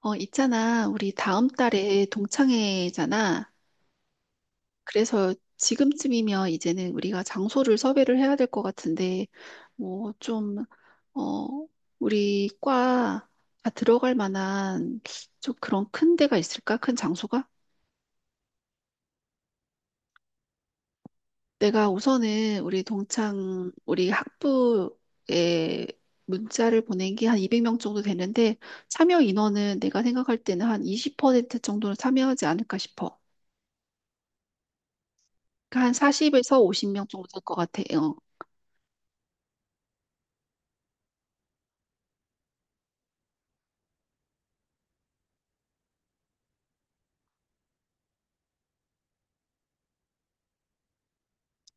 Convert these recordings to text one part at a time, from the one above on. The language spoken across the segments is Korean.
있잖아. 우리 다음 달에 동창회잖아. 그래서 지금쯤이면 이제는 우리가 장소를 섭외를 해야 될 것 같은데, 뭐, 좀, 어, 우리 과 다 들어갈 만한 좀 그런 큰 데가 있을까? 큰 장소가? 내가 우선은 우리 동창, 우리 학부에 문자를 보낸 게 한 200명 정도 되는데, 참여 인원은 내가 생각할 때는 한 20% 정도는 참여하지 않을까 싶어. 그러니까 한 40에서 50명 정도 될 것 같아요.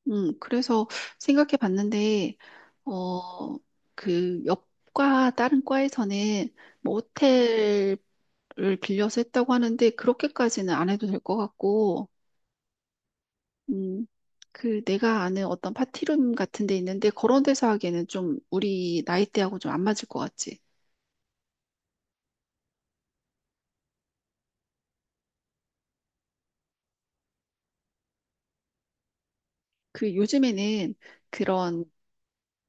그래서 생각해 봤는데, 어, 그 옆과 다른 과에서는 뭐 호텔을 빌려서 했다고 하는데, 그렇게까지는 안 해도 될 것 같고, 음, 그 내가 아는 어떤 파티룸 같은 데 있는데, 그런 데서 하기에는 좀 우리 나이대하고 좀 안 맞을 것 같지. 그 요즘에는 그런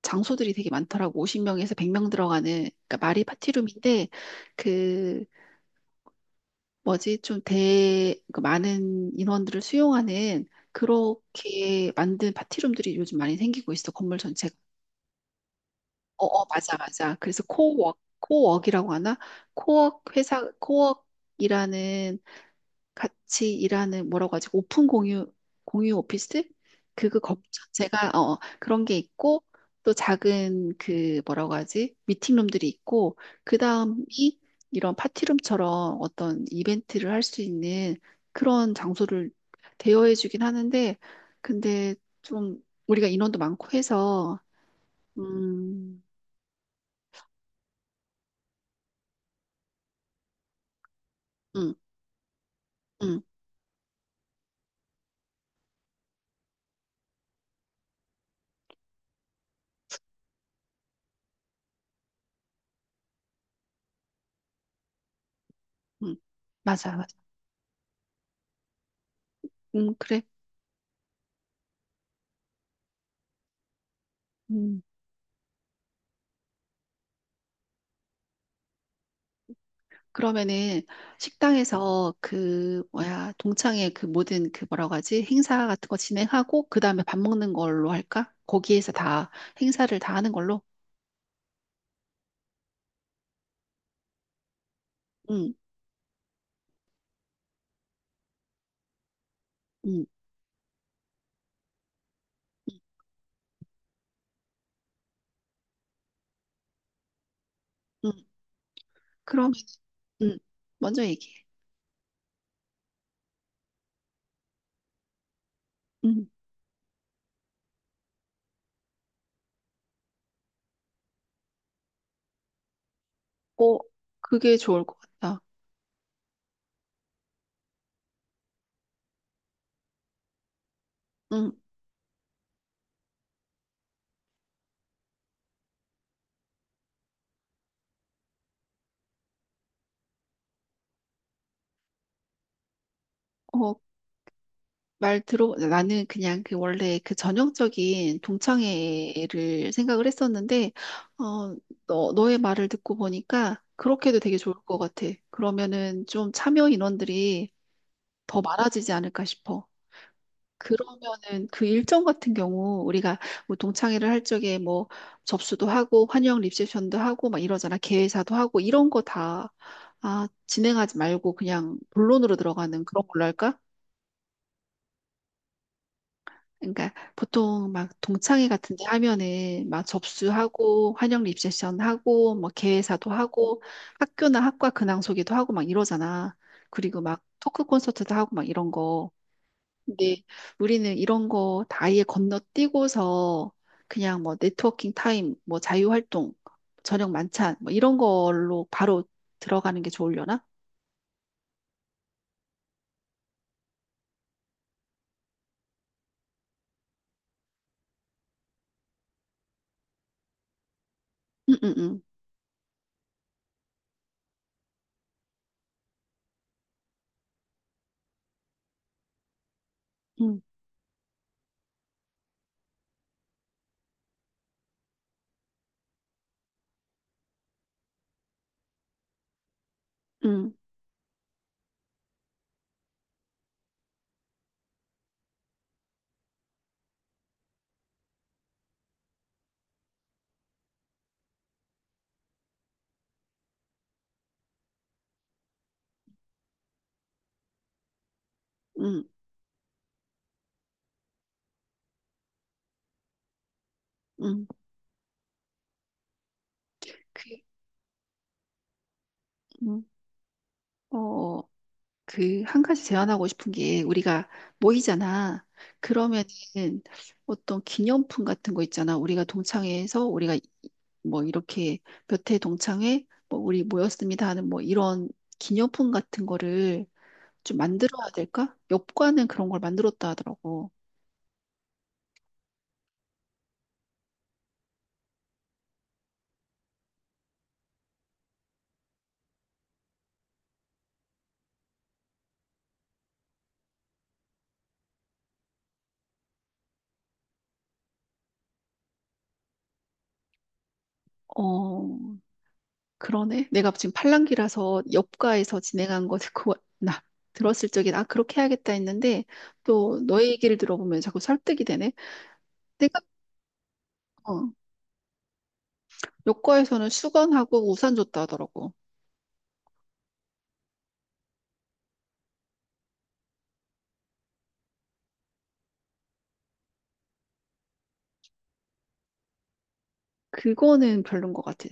장소들이 되게 많더라고. 50명에서 100명 들어가는, 그러니까 말이 파티룸인데, 그 뭐지? 좀 대, 그 많은 인원들을 수용하는 그렇게 만든 파티룸들이 요즘 많이 생기고 있어, 건물 전체가. 어, 어, 맞아, 맞아. 그래서 코워크, 코워크이라고 하나? 코워크 회사, 코워크이라는 같이 일하는 뭐라고 하지? 오픈 공유 공유 오피스? 그거 거 제가 그런 게 있고 또 작은 그 뭐라고 하지? 미팅룸들이 있고 그다음이 이런 파티룸처럼 어떤 이벤트를 할 수 있는 그런 장소를 대여해 주긴 하는데 근데 좀 우리가 인원도 많고 해서 음, 음, 음, 음. 맞아, 맞아. 그래. 음. 그러면은 식당에서 그 뭐야 동창회 그 모든 그 뭐라고 하지 행사 같은 거 진행하고 그 다음에 밥 먹는 걸로 할까? 거기에서 다 행사를 다 하는 걸로. 응, 응, 응, 응. 그러면 응 먼저 얘기해. 응, 어 그게 좋을 것 같다. 응, 어 말 들어, 나는 그냥 그 원래 그 전형적인 동창회를 생각을 했었는데, 어, 너의 말을 듣고 보니까 그렇게도 되게 좋을 것 같아. 그러면은 좀 참여 인원들이 더 많아지지 않을까 싶어. 그러면은 그 일정 같은 경우 우리가 뭐 동창회를 할 적에 뭐 접수도 하고 환영 리셉션도 하고 막 이러잖아. 개회사도 하고 이런 거 다, 아, 진행하지 말고 그냥 본론으로 들어가는 그런 걸로 할까? 그러니까 보통 막 동창회 같은 데 하면은 막 접수하고 환영 리셉션 하고 뭐 개회사도 하고 학교나 학과 근황 소개도 하고 막 이러잖아. 그리고 막 토크 콘서트도 하고 막 이런 거. 근데 우리는 이런 거 다 아예 건너뛰고서 그냥 뭐 네트워킹 타임, 뭐 자유 활동, 저녁 만찬 뭐 이런 걸로 바로 들어가는 게 좋으려나? 응응응. 응응응. 응. 응, 응, 응. 응. 그 응. 어 그, 한 가지 제안하고 싶은 게, 우리가 모이잖아. 그러면은 어떤 기념품 같은 거 있잖아. 우리가 동창회에서 우리가 뭐 이렇게 몇 회 동창회, 뭐 우리 모였습니다 하는 뭐 이런 기념품 같은 거를 좀 만들어야 될까? 엽과는 그런 걸 만들었다 하더라고. 어, 그러네. 내가 지금 팔랑귀라서 엽과에서 진행한 거 듣고 나 들었을 적엔 아, 그렇게 해야겠다 했는데 또 너의 얘기를 들어보면 자꾸 설득이 되네. 내가 어, 요과에서는 수건하고 우산 줬다 하더라고. 그거는 별론 것 같아.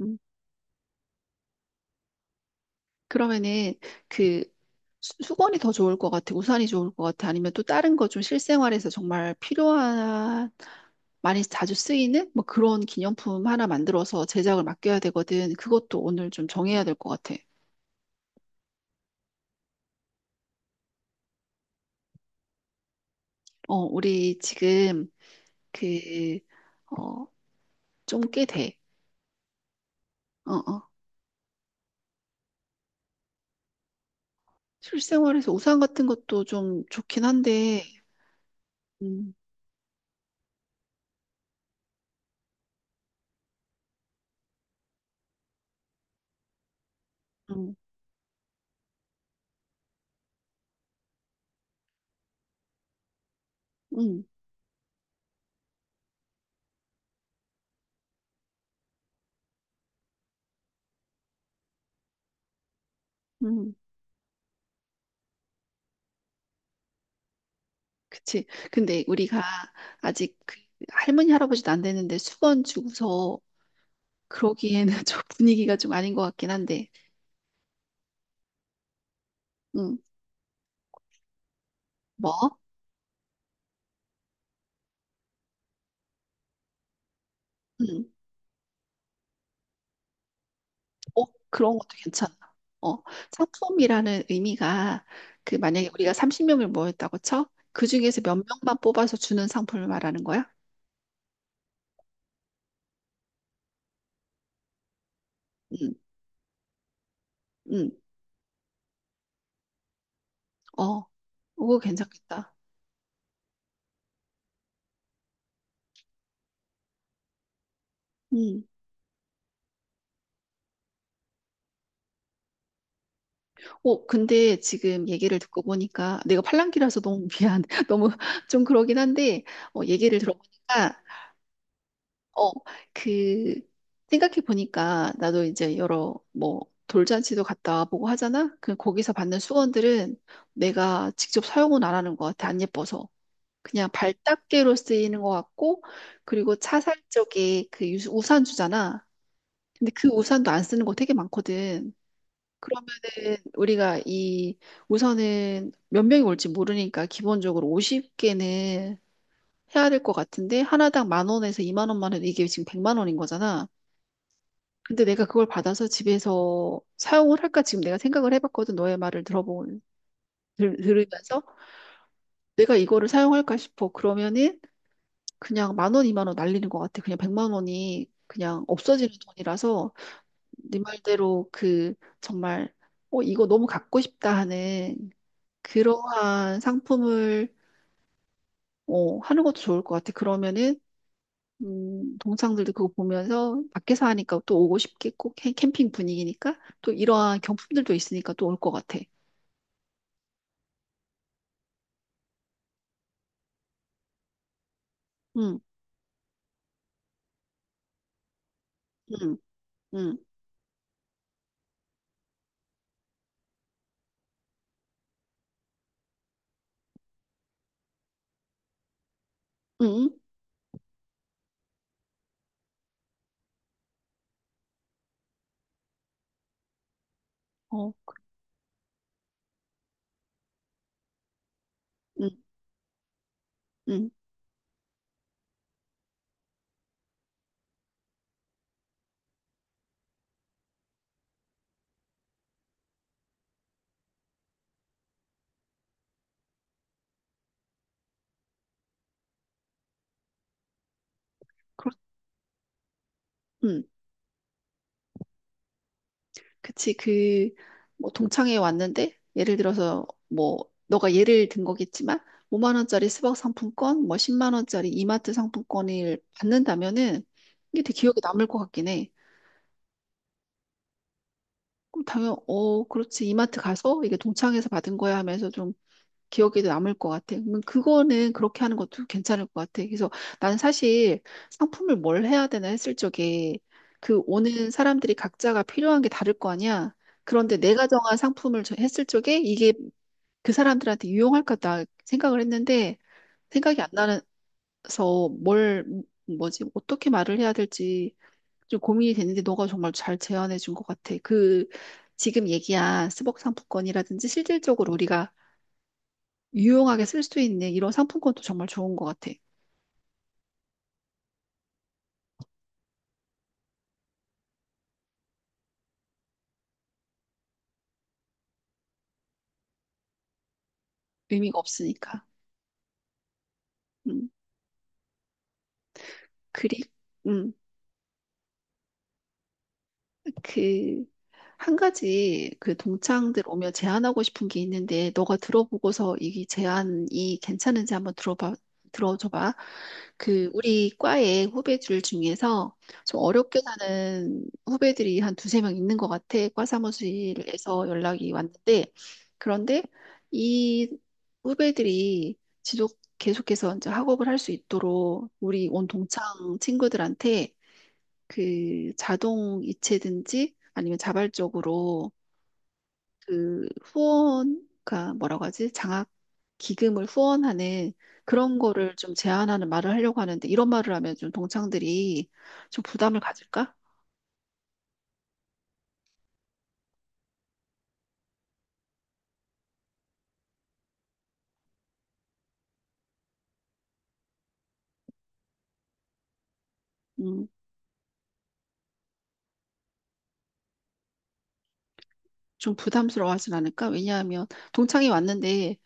음. 그러면은 그 수건이 더 좋을 것 같아. 우산이 좋을 것 같아. 아니면 또 다른 거 좀 실생활에서 정말 필요한, 많이 자주 쓰이는 뭐 그런 기념품 하나 만들어서 제작을 맡겨야 되거든. 그것도 오늘 좀 정해야 될 것 같아. 어, 우리 지금 그, 어, 좀 꽤 돼. 어, 어. 실생활에서 우산 같은 것도 좀 좋긴 한데, 음, 음, 음. 음. 그치. 근데 우리가 아직 그 할머니, 할아버지도 안 되는데 수건 주고서 그러기에는 좀 분위기가 좀 아닌 것 같긴 한데, 음 뭐? 음 어, 그런 것도 괜찮아. 어, 상품이라는 의미가 그 만약에 우리가 30명을 모였다고 쳐? 그 중에서 몇 명만 뽑아서 주는 상품을 말하는 거야? 음 음 어, 그거 괜찮겠다. 응. 어, 근데 지금 얘기를 듣고 보니까 내가 팔랑귀라서 너무 미안. 너무 좀 그러긴 한데, 어, 얘기를 들어보니까, 어, 그, 생각해 보니까 나도 이제 여러 뭐 돌잔치도 갔다 와보고 하잖아? 그 거기서 받는 수건들은 내가 직접 사용은 안 하는 것 같아. 안 예뻐서. 그냥 발닦개로 쓰이는 것 같고, 그리고 차 살 적에 그 우산 주잖아. 근데 그 우산도 안 쓰는 거 되게 많거든. 그러면은 우리가 이 우선은 몇 명이 올지 모르니까 기본적으로 50개는 해야 될 것 같은데 하나당 만 원에서 2만 원만 해도 이게 지금 100만 원인 거잖아. 근데 내가 그걸 받아서 집에서 사용을 할까 지금 내가 생각을 해봤거든. 너의 말을 들어본 들으면서 내가 이거를 사용할까 싶어. 그러면은 그냥 만 원, 2만 원 날리는 것 같아. 그냥 100만 원이 그냥 없어지는 돈이라서 네 말대로 그 정말 어, 이거 너무 갖고 싶다 하는 그러한 상품을 어, 하는 것도 좋을 것 같아. 그러면은 동창들도 그거 보면서 밖에서 하니까 또 오고 싶겠고 캠핑 분위기니까 또 이러한 경품들도 있으니까 또 올 것 같아. 응, 응, 응, 응, 어, 응, 응, 그렇, 응, 그치. 그 뭐 동창회 왔는데 예를 들어서 뭐 너가 예를 든 거겠지만 5만 원짜리 스벅 상품권, 뭐 10만 원짜리 이마트 상품권을 받는다면은 이게 되게 기억에 남을 것 같긴 해. 그럼 당연, 어, 그렇지. 이마트 가서 이게 동창회에서 받은 거야 하면서 좀 기억에도 남을 것 같아. 그러면 그거는 그렇게 하는 것도 괜찮을 것 같아. 그래서 난 사실 상품을 뭘 해야 되나 했을 적에 그 오는 사람들이 각자가 필요한 게 다를 거 아니야. 그런데 내가 정한 상품을 했을 적에 이게 그 사람들한테 유용할까 생각을 했는데 생각이 안 나서 뭘, 뭐지, 어떻게 말을 해야 될지 좀 고민이 됐는데 너가 정말 잘 제안해 준 것 같아. 그 지금 얘기한 스벅 상품권이라든지 실질적으로 우리가 유용하게 쓸 수 있는 이런 상품권도 정말 좋은 것 같아. 의미가 없으니까. 음, 그리, 음. 그, 한 가지 그 동창들 오며 제안하고 싶은 게 있는데, 너가 들어보고서 이 제안이 괜찮은지 한번 들어봐, 들어줘봐. 그, 우리 과의 후배들 중에서 좀 어렵게 사는 후배들이 한 두세 명 있는 것 같아. 과 사무실에서 연락이 왔는데, 그런데 이 후배들이 지속 계속해서 이제 학업을 할 수 있도록 우리 온 동창 친구들한테 그 자동 이체든지 아니면 자발적으로 그 후원, 그 뭐라고 하지? 장학 기금을 후원하는 그런 거를 좀 제한하는 말을 하려고 하는데 이런 말을 하면 좀 동창들이 좀 부담을 가질까? 음, 좀 부담스러워하진 않을까? 왜냐하면 동창이 왔는데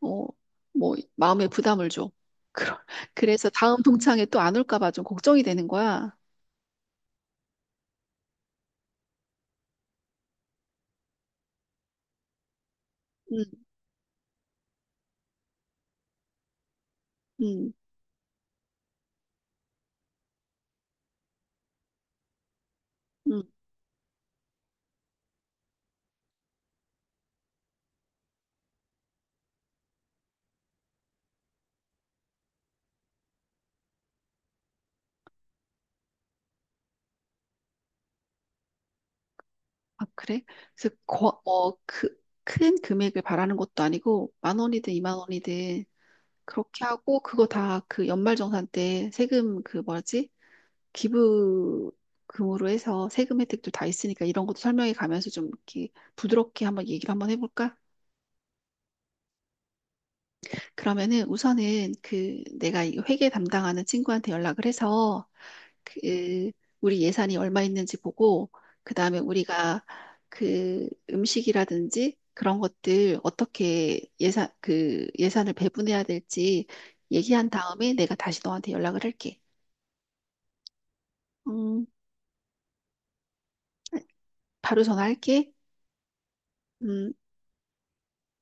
어, 뭐 마음에 부담을 줘. 그러- 그래서 다음 동창에 또 안 올까 봐 좀 걱정이 되는 거야. 음, 음, 음. 아, 그래? 그래서 거, 어, 그, 큰 금액을 바라는 것도 아니고 만 원이든 이만 원이든 그렇게 하고 그거 다 그 연말정산 때 세금 그 뭐지? 기부금으로 해서 세금 혜택도 다 있으니까 이런 것도 설명해 가면서 좀 이렇게 부드럽게 한번 얘기를 한번 해볼까? 그러면은 우선은 그 내가 이 회계 담당하는 친구한테 연락을 해서 그 우리 예산이 얼마 있는지 보고 그다음에 우리가 그 음식이라든지 그런 것들 어떻게 예산 그 예산을 배분해야 될지 얘기한 다음에 내가 다시 너한테 연락을 할게. 음, 바로 전화할게. 음.